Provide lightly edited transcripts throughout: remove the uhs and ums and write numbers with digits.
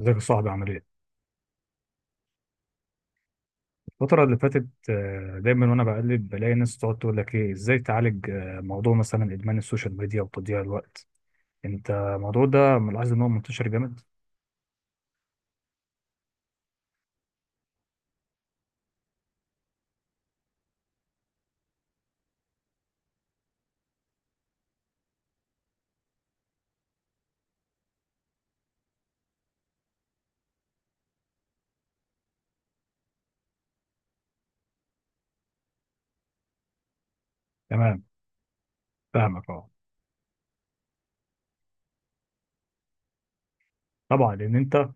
ازيك يا صاحبي عامل ايه؟ الفترة اللي فاتت دايما وانا بقلب بلاقي ناس تقعد تقول لك ايه ازاي تعالج موضوع مثلا ادمان السوشيال ميديا وتضييع الوقت. انت الموضوع ده ملاحظ ان هو منتشر جامد؟ تمام، فاهمك، اه طبعا، لان انت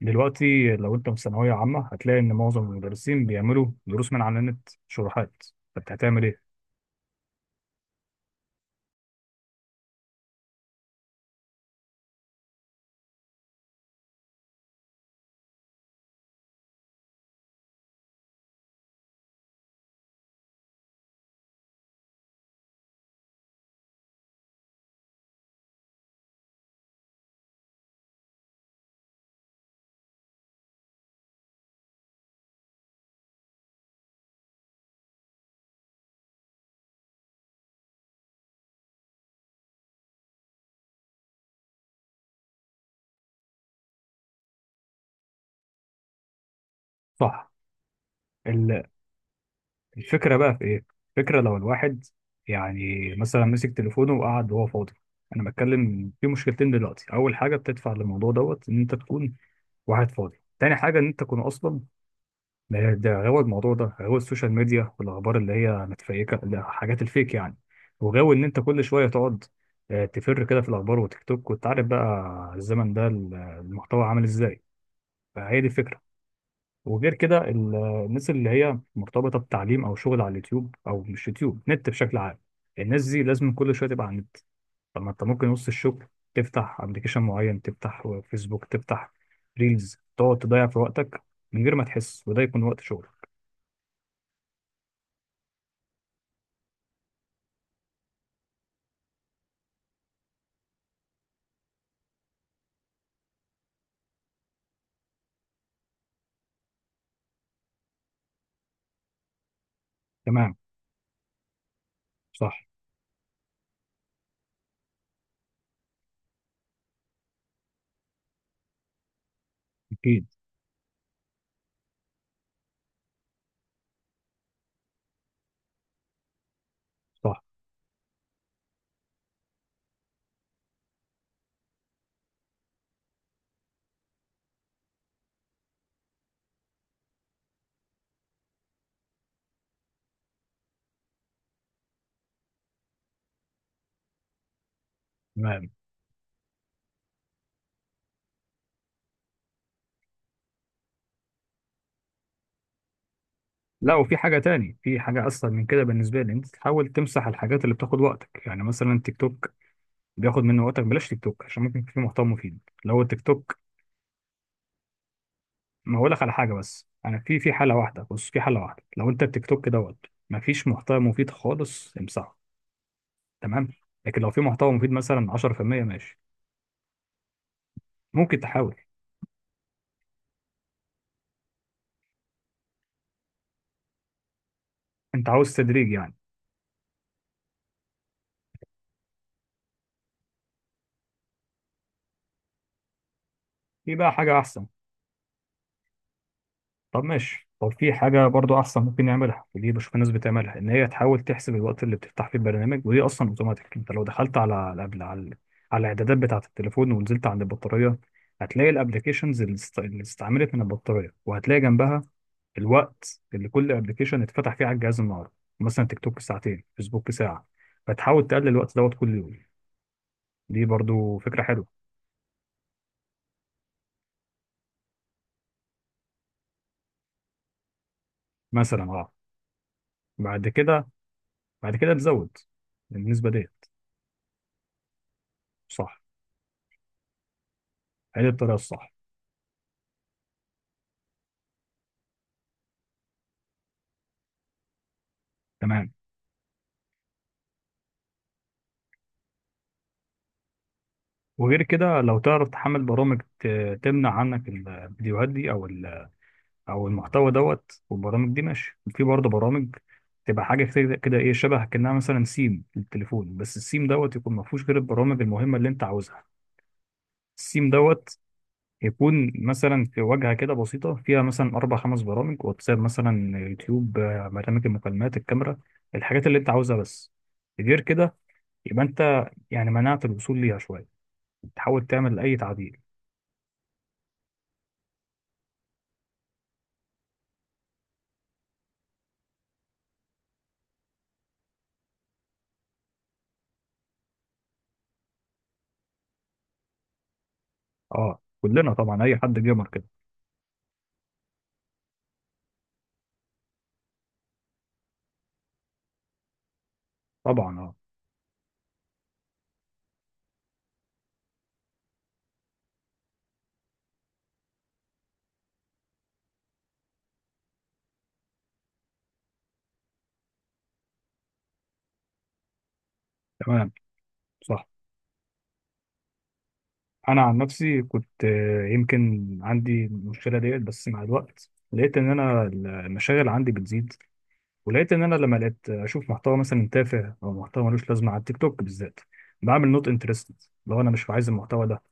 دلوقتي لو انت في ثانوية عامة هتلاقي ان معظم المدرسين بيعملوا دروس من على النت، شروحات، فانت هتعمل ايه؟ صح. الفكرة بقى في إيه؟ الفكرة لو الواحد يعني مثلا مسك تليفونه وقعد وهو فاضي. أنا بتكلم في مشكلتين دلوقتي، أول حاجة بتدفع للموضوع دوت إن أنت تكون واحد فاضي، تاني حاجة إن أنت تكون أصلا ده غاوي، الموضوع ده غاوي السوشيال ميديا والأخبار اللي هي متفيكة، حاجات الفيك يعني، وغاوي إن أنت كل شوية تقعد تفر كده في الأخبار وتيك توك، وأنت عارف بقى الزمن ده المحتوى عامل إزاي. فهي دي الفكرة. وغير كده الناس اللي هي مرتبطة بتعليم أو شغل على اليوتيوب، أو مش يوتيوب، نت بشكل عام، الناس دي لازم كل شوية تبقى على النت. طب ما أنت ممكن وسط الشغل تفتح أبلكيشن معين، تفتح فيسبوك، تفتح ريلز، تقعد تضيع في وقتك من غير ما تحس، وده يكون وقت شغل. تمام. صح. أكيد. صح. تمام. لا، وفي حاجة تاني، في حاجة أسهل من كده بالنسبة لي، أنت تحاول تمسح الحاجات اللي بتاخد وقتك، يعني مثلا تيك توك بياخد منه وقتك، بلاش تيك توك، عشان ممكن في محتوى مفيد لو التيك توك. ما هقول لك على حاجه، بس انا في حاله واحده، بص، في حاله واحده، لو انت التيك توك دوت ما فيش محتوى مفيد خالص، امسحه. تمام. لكن لو في محتوى مفيد مثلا 10% ماشي، ممكن تحاول. انت عاوز تدريج يعني. في بقى حاجه احسن. طب ماشي، طب في حاجه برضو احسن ممكن نعملها، ودي بشوف الناس بتعملها، ان هي تحاول تحسب الوقت اللي بتفتح فيه البرنامج، ودي اصلا اوتوماتيك، انت لو دخلت على، قبل، على على الاعدادات بتاعه التليفون ونزلت عند البطاريه، هتلاقي الابلكيشنز اللي استعملت من البطاريه، وهتلاقي جنبها الوقت اللي كل ابلكيشن اتفتح فيه على الجهاز النهارده، مثلا تيك توك ساعتين، فيسبوك ساعه، فتحاول تقلل الوقت دوت كل يوم. دي برضو فكره حلوه. مثلا اه. بعد كده، بعد كده تزود النسبه دي. صح، هي دي الطريقه الصح. تمام. وغير كده لو تعرف تحمل برامج تمنع عنك الفيديوهات دي، او او المحتوى دوت والبرامج دي. ماشي، في برضه برامج تبقى حاجه كده كده، ايه، شبه كانها مثلا سيم للتليفون، بس السيم دوت يكون ما فيهوش غير البرامج المهمه اللي انت عاوزها. السيم دوت يكون مثلا في واجهة كده بسيطة، فيها مثلا أربع خمس برامج، واتساب مثلا، يوتيوب، برنامج المكالمات، الكاميرا، الحاجات اللي أنت عاوزها بس، غير كده يبقى أنت يعني منعت الوصول ليها شوية، تحاول تعمل أي تعديل. أه، كلنا طبعا، أي حد جيمر كده. طبعا أه. تمام. صح. أنا عن نفسي كنت، يمكن عندي المشكلة ديت، بس مع الوقت لقيت إن أنا المشاغل عندي بتزيد، ولقيت ان انا لما لقيت اشوف محتوى مثلا تافه او محتوى ملوش لازمه على التيك توك بالذات، بعمل نوت انترستد. لو انا مش عايز المحتوى ده،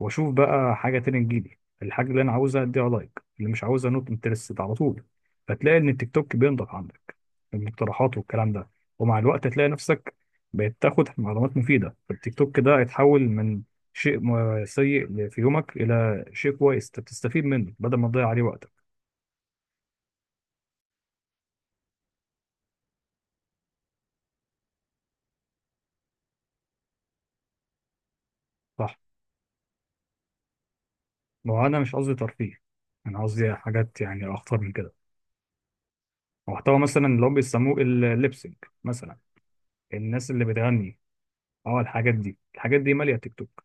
واشوف بقى حاجه تانية تجيلي، الحاجه اللي انا عاوزها اديها لايك، اللي مش عاوزها نوت انترستد على طول. فتلاقي ان التيك توك بينضف عندك المقترحات والكلام ده، ومع الوقت هتلاقي نفسك بقيت تاخد معلومات مفيده، فالتيك توك ده يتحول من شيء سيء في يومك الى شيء كويس تستفيد منه بدل ما تضيع عليه وقتك. صح. ما هو انا مش قصدي ترفيه، انا قصدي حاجات يعني اخطر من كده، محتوى مثلا اللي هم بيسموه الليبسينج، مثلا الناس اللي بتغني، اه، الحاجات دي، الحاجات دي ماليه تيك توك.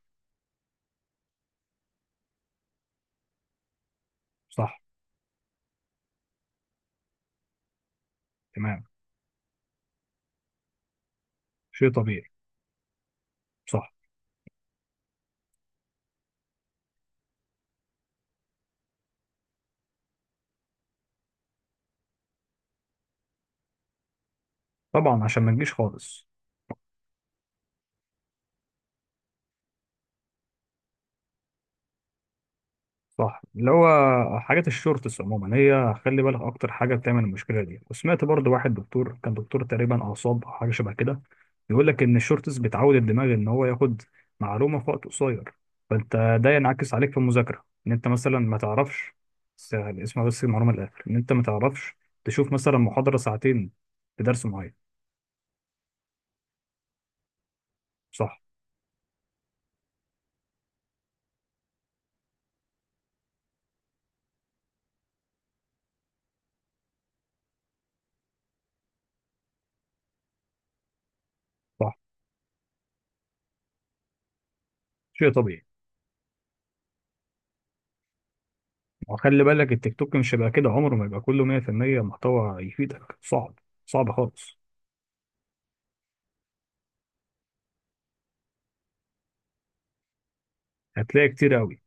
صح. تمام. شيء طبيعي. صح. طبعا عشان ما نجيش خالص. صح، اللي هو حاجات الشورتس عموما، هي خلي بالك اكتر حاجه بتعمل المشكله دي، وسمعت برضو واحد دكتور، كان دكتور تقريبا اعصاب او حاجه شبه كده، بيقول لك ان الشورتس بتعود الدماغ ان هو ياخد معلومه في وقت قصير، فانت ده ينعكس عليك في المذاكره، ان انت مثلا ما تعرفش، اسمع بس المعلومه للاخر، ان انت ما تعرفش تشوف مثلا محاضره ساعتين في درس معين. صح. صح. شيء طبيعي. وخلي بالك التيك توك مش هيبقى كده، عمره ما يبقى كله 100% محتوى يفيدك، صعب، صعب خالص. هتلاقي كتير قوي.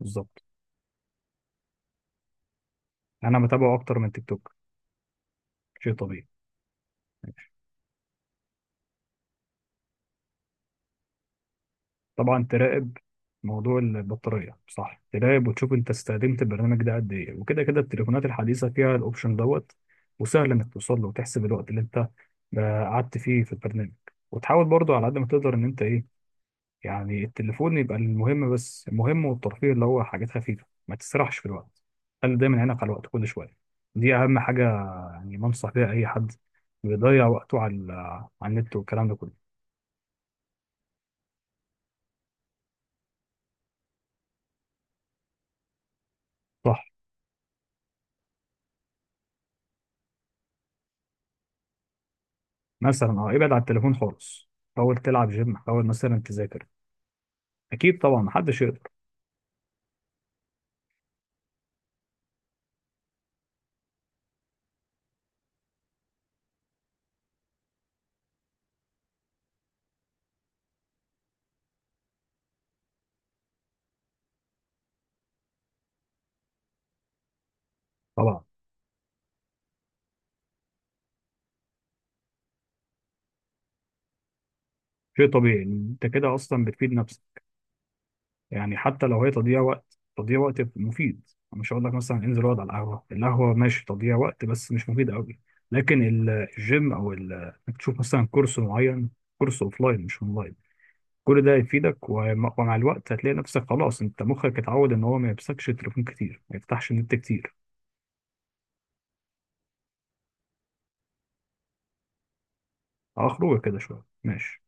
بالظبط. انا متابعه اكتر من تيك توك. شيء طبيعي. ماشي. طبعا تراقب موضوع البطارية، صح، تراقب وتشوف انت استخدمت البرنامج ده قد ايه، وكده كده التليفونات الحديثة فيها الاوبشن دوت، وسهل انك توصل له وتحسب الوقت اللي انت قعدت فيه في البرنامج، وتحاول برضو على قد ما تقدر ان انت ايه، يعني التليفون يبقى المهم بس، المهم والترفيه اللي هو حاجات خفيفة، ما تسرحش في الوقت، خلي دايما عينك على الوقت كل شوية، دي اهم حاجة، يعني ما انصح بيها اي حد بيضيع وقته على على النت والكلام ده كله. صح. مثلا اه، ابعد عن التليفون خالص، حاول تلعب جيم، حاول مثلا تذاكر. اكيد طبعا، محدش يقدر. طبعا. شيء طبيعي، انت كده اصلا بتفيد نفسك، يعني حتى لو هي تضييع وقت، تضييع وقت مفيد، مش هقول لك مثلا انزل اقعد على القهوه، القهوه ماشي تضييع وقت بس مش مفيد قوي، لكن الجيم او انك تشوف مثلا كورس معين، كورس اوفلاين مش اونلاين، كل ده هيفيدك، ومع الوقت هتلاقي نفسك خلاص، انت مخك اتعود ان هو ما يمسكش تليفون كتير، ما يفتحش النت كتير. اخرجه كده شويه ماشي.